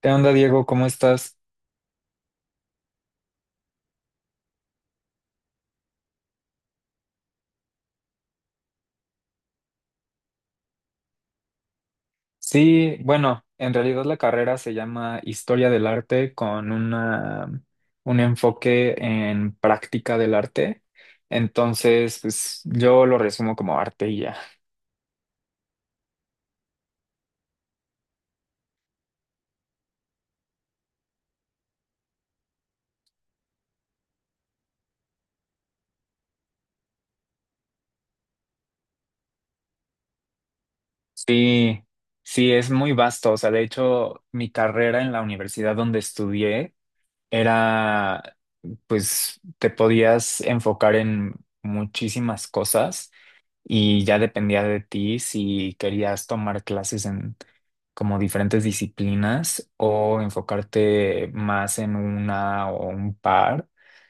¿Qué onda, Diego? ¿Cómo estás? Sí, bueno, en realidad la carrera se llama Historia del Arte con un enfoque en práctica del arte. Entonces, pues yo lo resumo como arte y ya. Sí, sí, es muy vasto. O sea, de hecho, mi carrera en la universidad donde estudié era, pues, te podías enfocar en muchísimas cosas. Y ya dependía de ti si querías tomar clases en como diferentes disciplinas o enfocarte más en una o un par.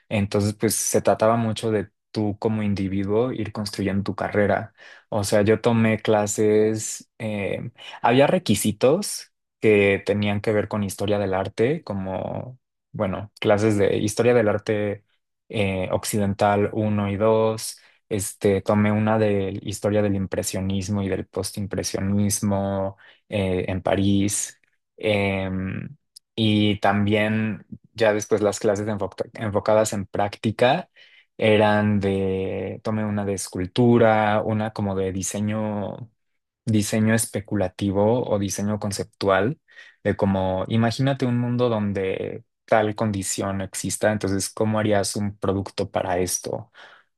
Entonces, pues se trataba mucho de tú como individuo ir construyendo tu carrera. O sea, yo tomé clases, había requisitos que tenían que ver con historia del arte, como, bueno, clases de historia del arte occidental uno y dos, este, tomé una de historia del impresionismo y del postimpresionismo en París. Em, y también ya después las clases enfocadas en práctica eran tomé una de escultura, una como de diseño, diseño especulativo o diseño conceptual, de como, imagínate un mundo donde tal condición exista, entonces, ¿cómo harías un producto para esto?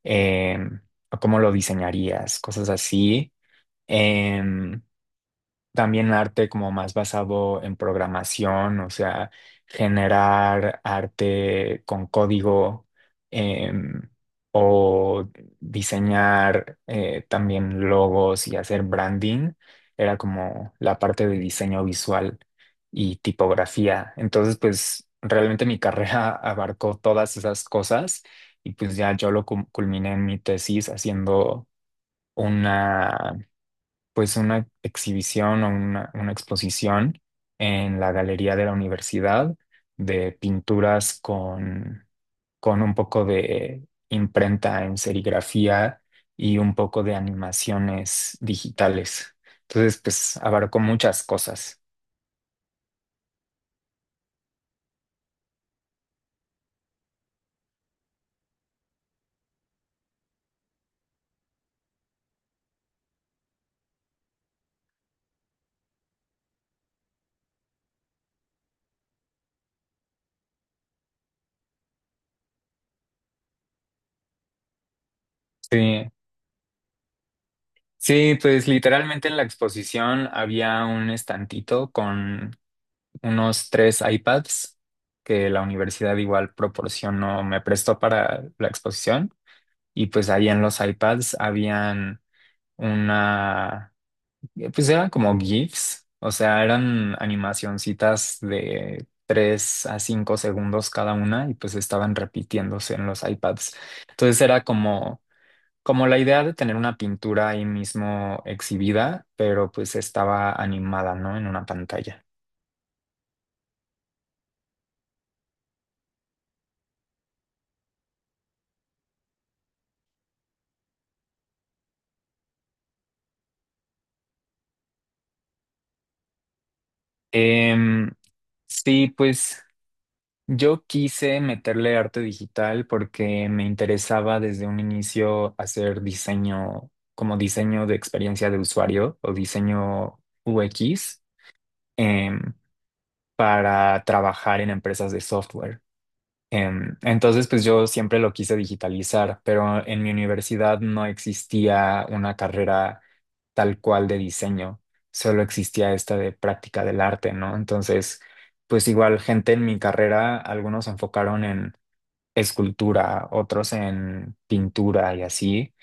Em, o cómo lo diseñarías, cosas así. Em, También arte como más basado en programación, o sea, generar arte con código, em, o diseñar, también logos y hacer branding. Era como la parte de diseño visual y tipografía. Entonces, pues realmente mi carrera abarcó todas esas cosas y pues ya yo lo culminé en mi tesis haciendo una, pues una exhibición o una exposición en la galería de la universidad de pinturas con un poco de imprenta en serigrafía y un poco de animaciones digitales. Entonces, pues abarcó muchas cosas. Sí, sí, pues literalmente en la exposición había un estantito con unos tres iPads que la universidad igual proporcionó, me prestó para la exposición, y pues ahí en los iPads habían una, pues eran como GIFs, o sea, eran animacioncitas de 3 a 5 segundos cada una y pues estaban repitiéndose en los iPads. Entonces era como... como la idea de tener una pintura ahí mismo exhibida, pero pues estaba animada, ¿no? En una pantalla. Em, sí, pues yo quise meterle arte digital porque me interesaba desde un inicio hacer diseño, como diseño de experiencia de usuario o diseño UX, em, para trabajar en empresas de software. Entonces, pues yo siempre lo quise digitalizar, pero en mi universidad no existía una carrera tal cual de diseño, solo existía esta de práctica del arte, ¿no? Entonces, pues igual gente en mi carrera, algunos se enfocaron en escultura, otros en pintura y así.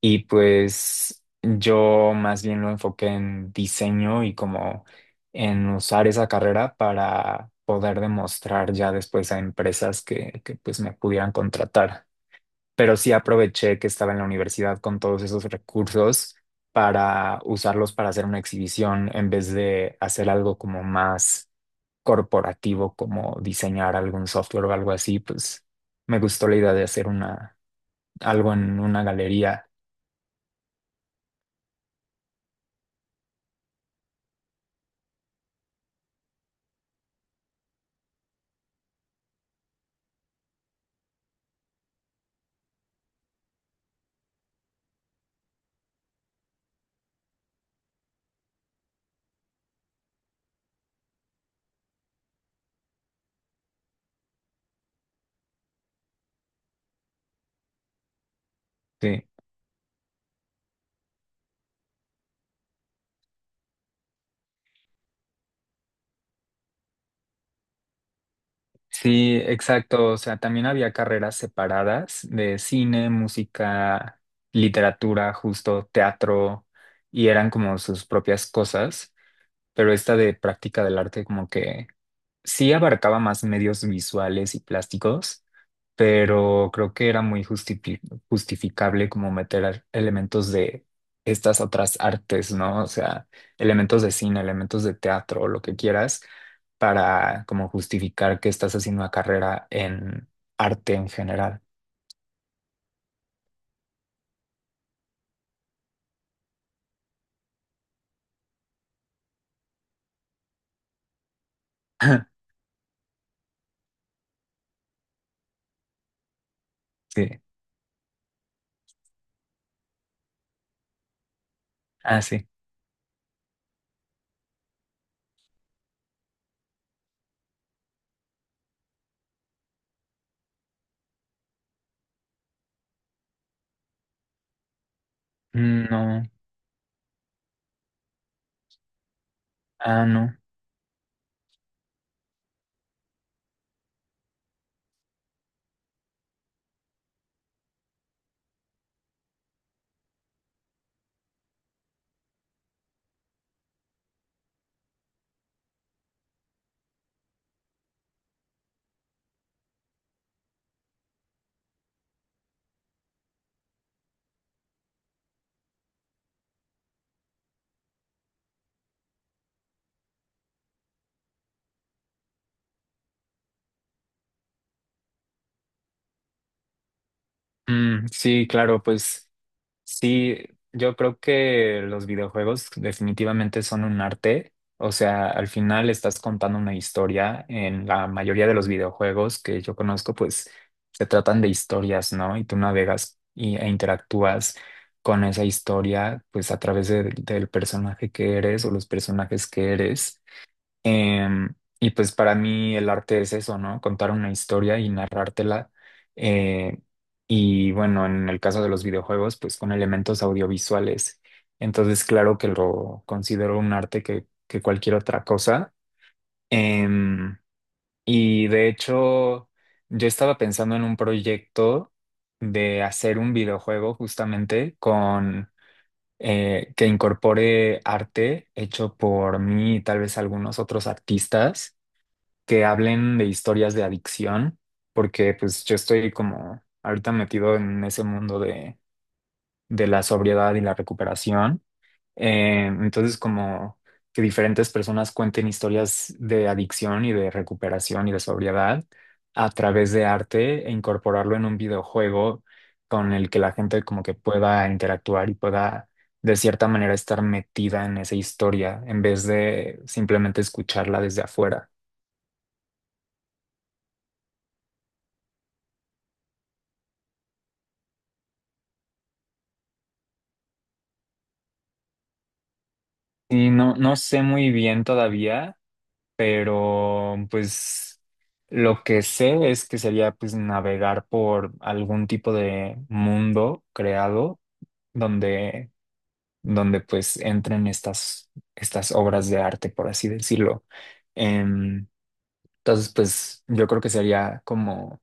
Y pues yo más bien lo enfoqué en diseño y como en usar esa carrera para poder demostrar ya después a empresas que pues me pudieran contratar. Pero sí aproveché que estaba en la universidad con todos esos recursos para usarlos para hacer una exhibición en vez de hacer algo como más corporativo, como diseñar algún software o algo así, pues me gustó la idea de hacer algo en una galería. Sí. Sí, exacto. O sea, también había carreras separadas de cine, música, literatura, justo teatro, y eran como sus propias cosas, pero esta de práctica del arte como que sí abarcaba más medios visuales y plásticos, pero creo que era muy justificable como meter elementos de estas otras artes, ¿no? O sea, elementos de cine, elementos de teatro, lo que quieras, para como justificar que estás haciendo una carrera en arte en general. Sí. Ah, sí. Mm, no. Ah, no. Mm, sí, claro, pues. Sí, yo creo que los videojuegos definitivamente son un arte. O sea, al final estás contando una historia. En la mayoría de los videojuegos que yo conozco, pues se tratan de historias, ¿no? Y tú navegas y, e interactúas con esa historia, pues a través del personaje que eres o los personajes que eres. Em, y pues para mí el arte es eso, ¿no? Contar una historia y narrártela. Eh, y bueno, en el caso de los videojuegos, pues con elementos audiovisuales. Entonces, claro que lo considero un arte que cualquier otra cosa. Em, y de hecho, yo estaba pensando en un proyecto de hacer un videojuego justamente con... que incorpore arte hecho por mí y tal vez algunos otros artistas que hablen de historias de adicción, porque pues yo estoy como ahorita metido en ese mundo de la sobriedad y la recuperación. Entonces, como que diferentes personas cuenten historias de adicción y de recuperación y de sobriedad a través de arte e incorporarlo en un videojuego con el que la gente como que pueda interactuar y pueda de cierta manera estar metida en esa historia en vez de simplemente escucharla desde afuera. Y no, no sé muy bien todavía, pero pues lo que sé es que sería pues navegar por algún tipo de mundo creado donde, donde pues entren estas obras de arte, por así decirlo. Em, entonces, pues yo creo que sería como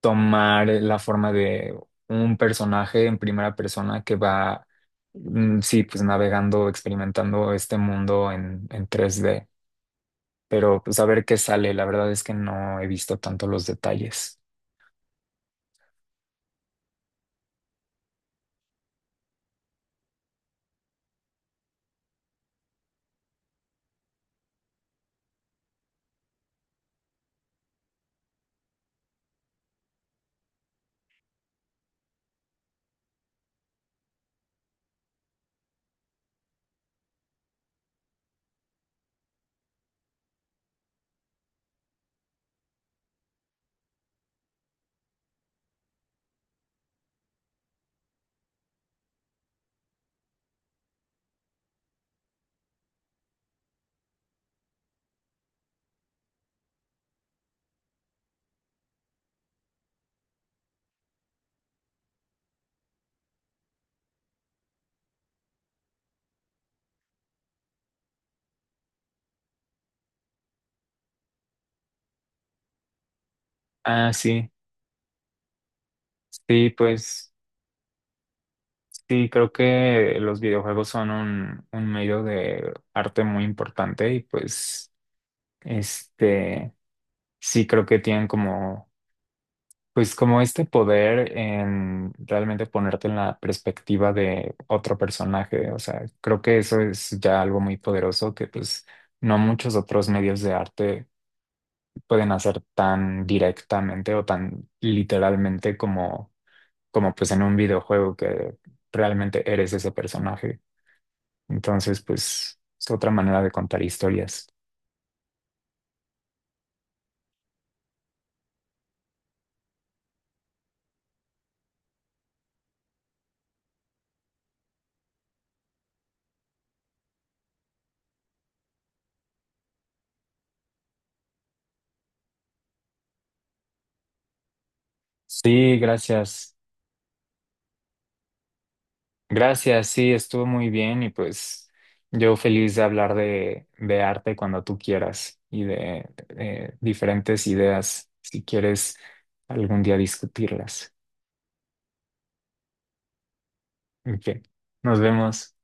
tomar la forma de un personaje en primera persona que va, mm, sí, pues navegando, experimentando este mundo en 3D, pero pues a ver qué sale. La verdad es que no he visto tanto los detalles. Ah, sí, sí, pues sí, creo que los videojuegos son un medio de arte muy importante y pues, este, sí creo que tienen como, pues como este poder en realmente ponerte en la perspectiva de otro personaje. O sea, creo que eso es ya algo muy poderoso que pues no muchos otros medios de arte pueden hacer tan directamente o tan literalmente como, como pues en un videojuego que realmente eres ese personaje. Entonces, pues es otra manera de contar historias. Sí, gracias. Gracias, sí, estuvo muy bien y pues yo feliz de hablar de arte cuando tú quieras y de, diferentes ideas si quieres algún día discutirlas. Ok, nos vemos.